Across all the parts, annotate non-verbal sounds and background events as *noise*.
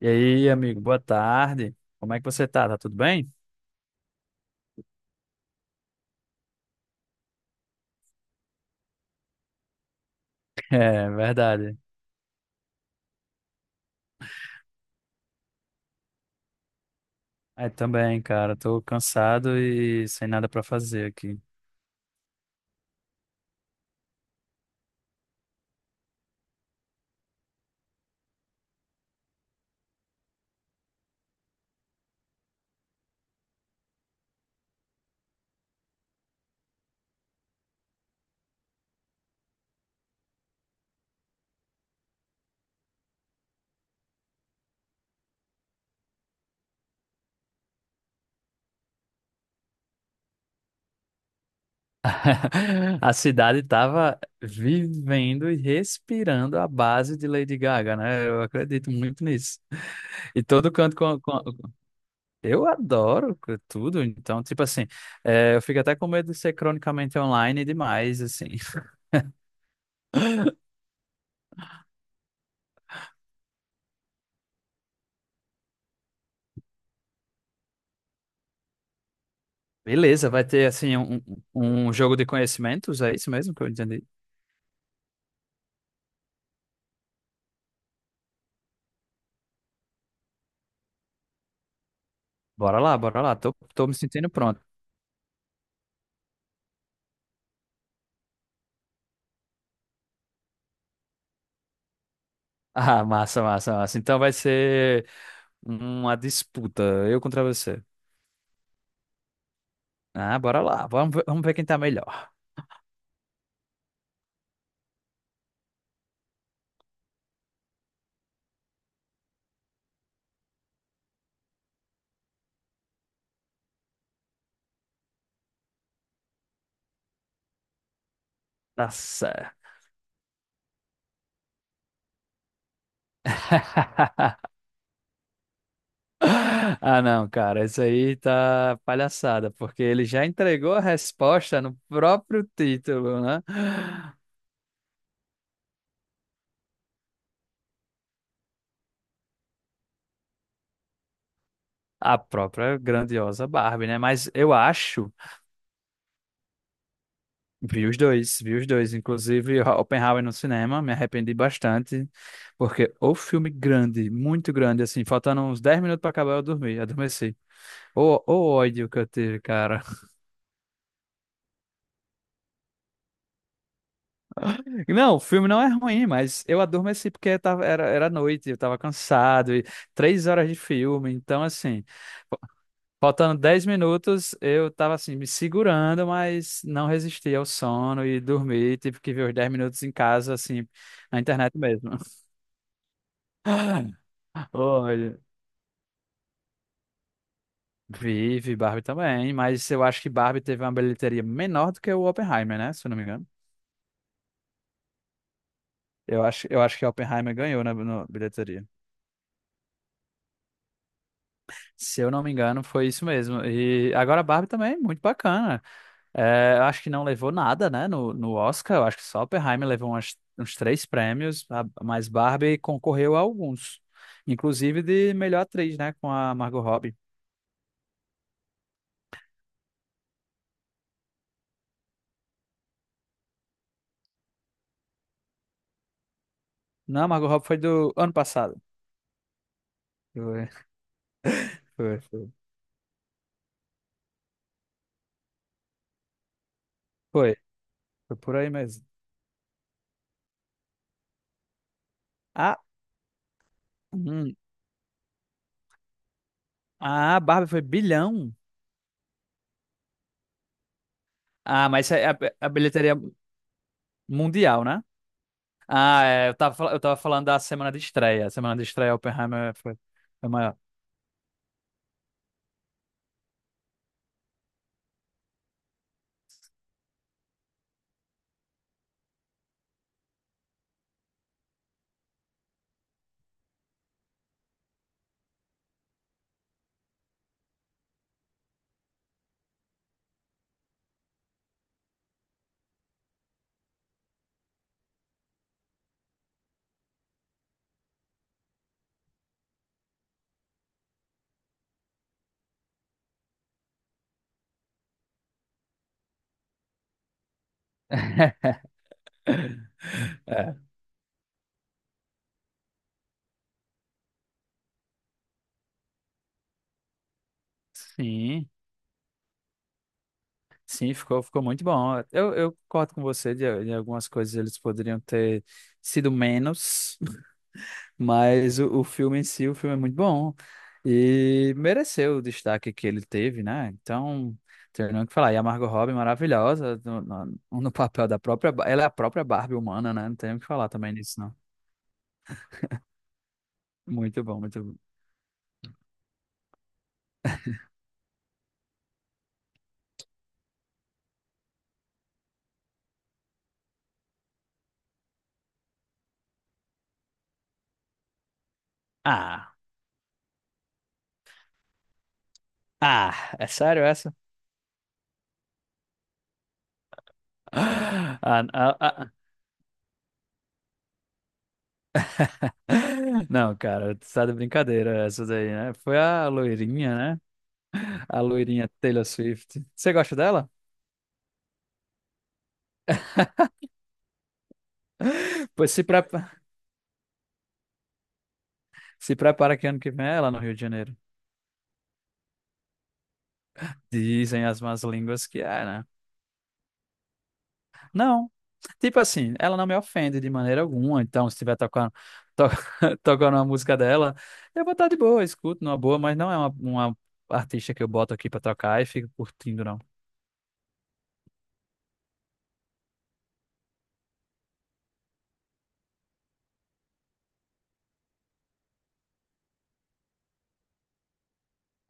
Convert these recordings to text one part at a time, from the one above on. E aí, amigo, boa tarde. Como é que você tá? Tá tudo bem? *laughs* É, verdade. É, também, cara, tô cansado e sem nada pra fazer aqui. *laughs* A cidade tava vivendo e respirando a base de Lady Gaga, né? Eu acredito muito nisso. E todo canto com- Eu adoro tudo, então, tipo assim, é, eu fico até com medo de ser cronicamente online demais, assim. *laughs* Beleza, vai ter, assim, um jogo de conhecimentos, é isso mesmo que eu entendi? Bora lá, bora lá. Tô me sentindo pronto. *laughs* Ah, massa, massa, massa. Então vai ser uma disputa, eu contra você. Ah, bora lá. Vamos ver quem tá melhor. Tá certo. *laughs* Ah, não, cara, isso aí tá palhaçada, porque ele já entregou a resposta no próprio título, né? A própria grandiosa Barbie, né? Mas eu acho. Vi os dois, vi os dois. Inclusive, Oppenheimer no cinema, me arrependi bastante, porque o filme grande, muito grande, assim, faltando uns 10 minutos para acabar, eu dormi, adormeci. O ódio que eu tive, cara. *laughs* Não, o filme não é ruim, mas eu adormeci porque tava, era noite, eu tava cansado, e 3 horas de filme, então, assim, fa- faltando 10 minutos, eu tava, assim, me segurando, mas não resisti ao sono e dormi, tive que ver os 10 minutos em casa, assim, na internet mesmo. *laughs* Olha, vive Barbie também, mas eu acho que Barbie teve uma bilheteria menor do que o Oppenheimer, né? Se eu não me engano. Eu acho que Oppenheimer ganhou na bilheteria. Se eu não me engano, foi isso mesmo. E agora Barbie também, é muito bacana. É, eu acho que não levou nada, né, no Oscar. Eu acho que só Oppenheimer levou uns três prêmios, a- mas Barbie concorreu a alguns. Inclusive de melhor atriz, né, com a Margot Robbie. Não, a Margot Robbie foi do ano passado. Foi, foi, foi. Foi, foi por aí mesmo. A- Hum. Ah, a Barbie foi bilhão. Ah, mas isso é a bilheteria mundial, né? Ah, é, eu tava, eu tava falando da semana de estreia. A semana de estreia Oppenheimer foi, foi maior. *laughs* É, sim, sim, ficou muito bom. Eu concordo com você de algumas coisas eles poderiam ter sido menos. Mas o filme em si, o filme é muito bom e mereceu o destaque que ele teve, né? Então, tem nem o que falar. E a Margot Robbie é maravilhosa no *laughs* papel da própria, Ba- ela é a própria Barbie humana, né? Não tem o que falar também nisso, não. Muito bom, muito bom. Ah, ah, é sério essa? *gasps* Ah, ah, ah. *laughs* Não, cara, tu tá de brincadeira essa daí, né? Foi a loirinha, né? A loirinha Taylor Swift. Você gosta dela? *gasps* *laughs* Pois se prepara. Se prepara que ano que vem é lá no Rio de Janeiro. Dizem as más línguas que é, né? Não. Tipo assim, ela não me ofende de maneira alguma, então se estiver tocando, to- *laughs* tocando uma música dela, eu vou estar de boa, escuto numa boa, mas não é uma, artista que eu boto aqui pra tocar e fico curtindo, não.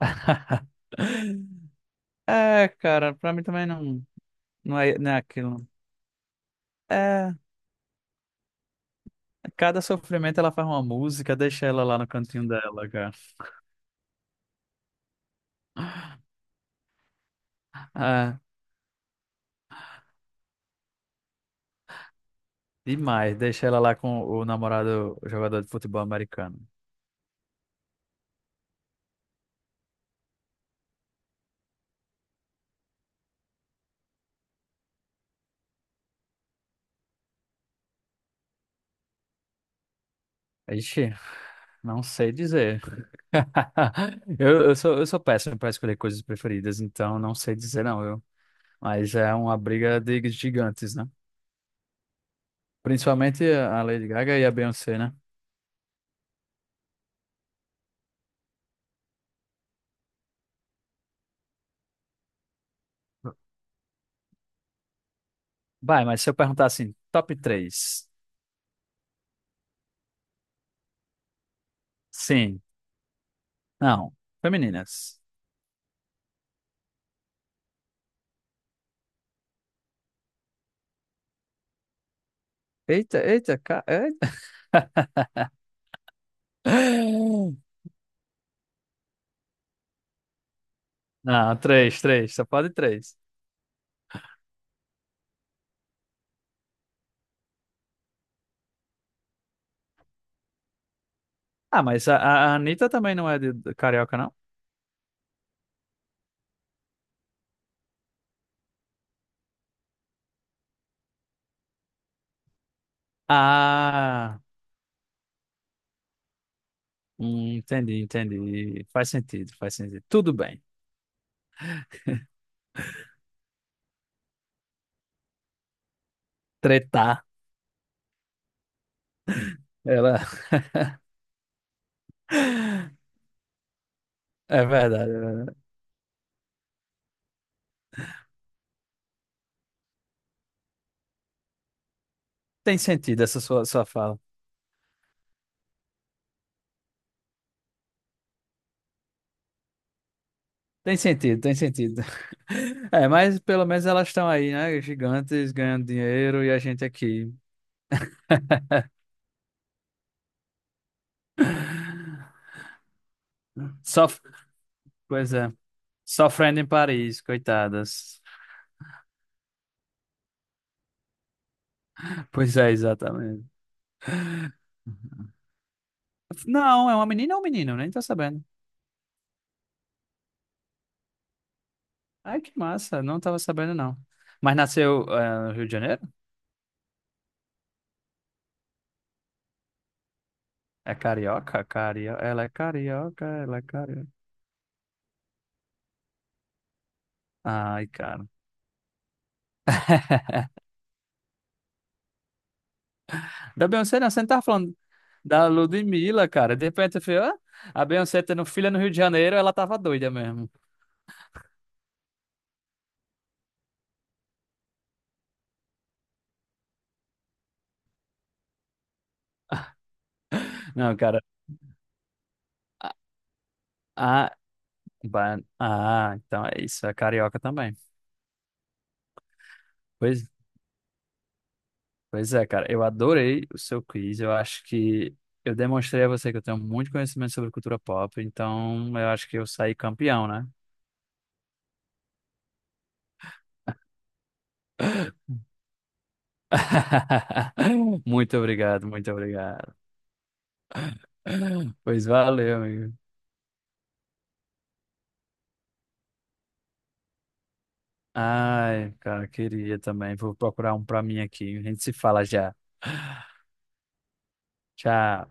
*laughs* É, cara, pra mim também não. Não é, não é aquilo. É, cada sofrimento ela faz uma música, deixa ela lá no cantinho dela, cara. Ah, demais, deixa ela lá com o namorado o jogador de futebol americano. Ixi, não sei dizer. *laughs* Eu sou péssimo para escolher coisas preferidas, então não sei dizer não, eu. Mas é uma briga de gigantes, né? Principalmente a Lady Gaga e a Beyoncé, né? Vai, mas se eu perguntar assim, top três, Sim. Não. Femininas. Eita, eita, eita. *laughs* Não, três, três. Só pode três. Ah, mas a, a Anitta também não é de carioca, não? Ah, entendi, entendi. Faz sentido, faz sentido. Tudo bem. Tretar. Ela... *laughs* É verdade, é verdade. Tem sentido essa sua fala. Tem sentido, tem sentido. *laughs* É, mas pelo menos elas estão aí, né? Gigantes, ganhando dinheiro e a gente aqui. *laughs* Sof... Pois é. Sofrendo em Paris, coitadas. Pois é, exatamente. Não, é uma menina ou um menino? Nem tô sabendo. Ai, que massa, não tava sabendo, não. Mas nasceu, no Rio de Janeiro? É carioca? Cario... Ela é carioca, ela é carioca. Ai, cara. *laughs* Da Beyoncé, não, você não tava falando da Ludmilla, cara. De repente eu falei, ah, a Beyoncé tendo filha no Rio de Janeiro, ela tava doida mesmo. *laughs* Não, cara. Ah, ah, então é isso, é carioca também. Pois, pois é, cara. Eu adorei o seu quiz. Eu acho que eu demonstrei a você que eu tenho muito conhecimento sobre cultura pop, então eu acho que eu saí campeão, né? *laughs* Muito obrigado, muito obrigado. Pois valeu, amigo. Ai, cara, queria também. Vou procurar um pra mim aqui. A gente se fala já. Tchau.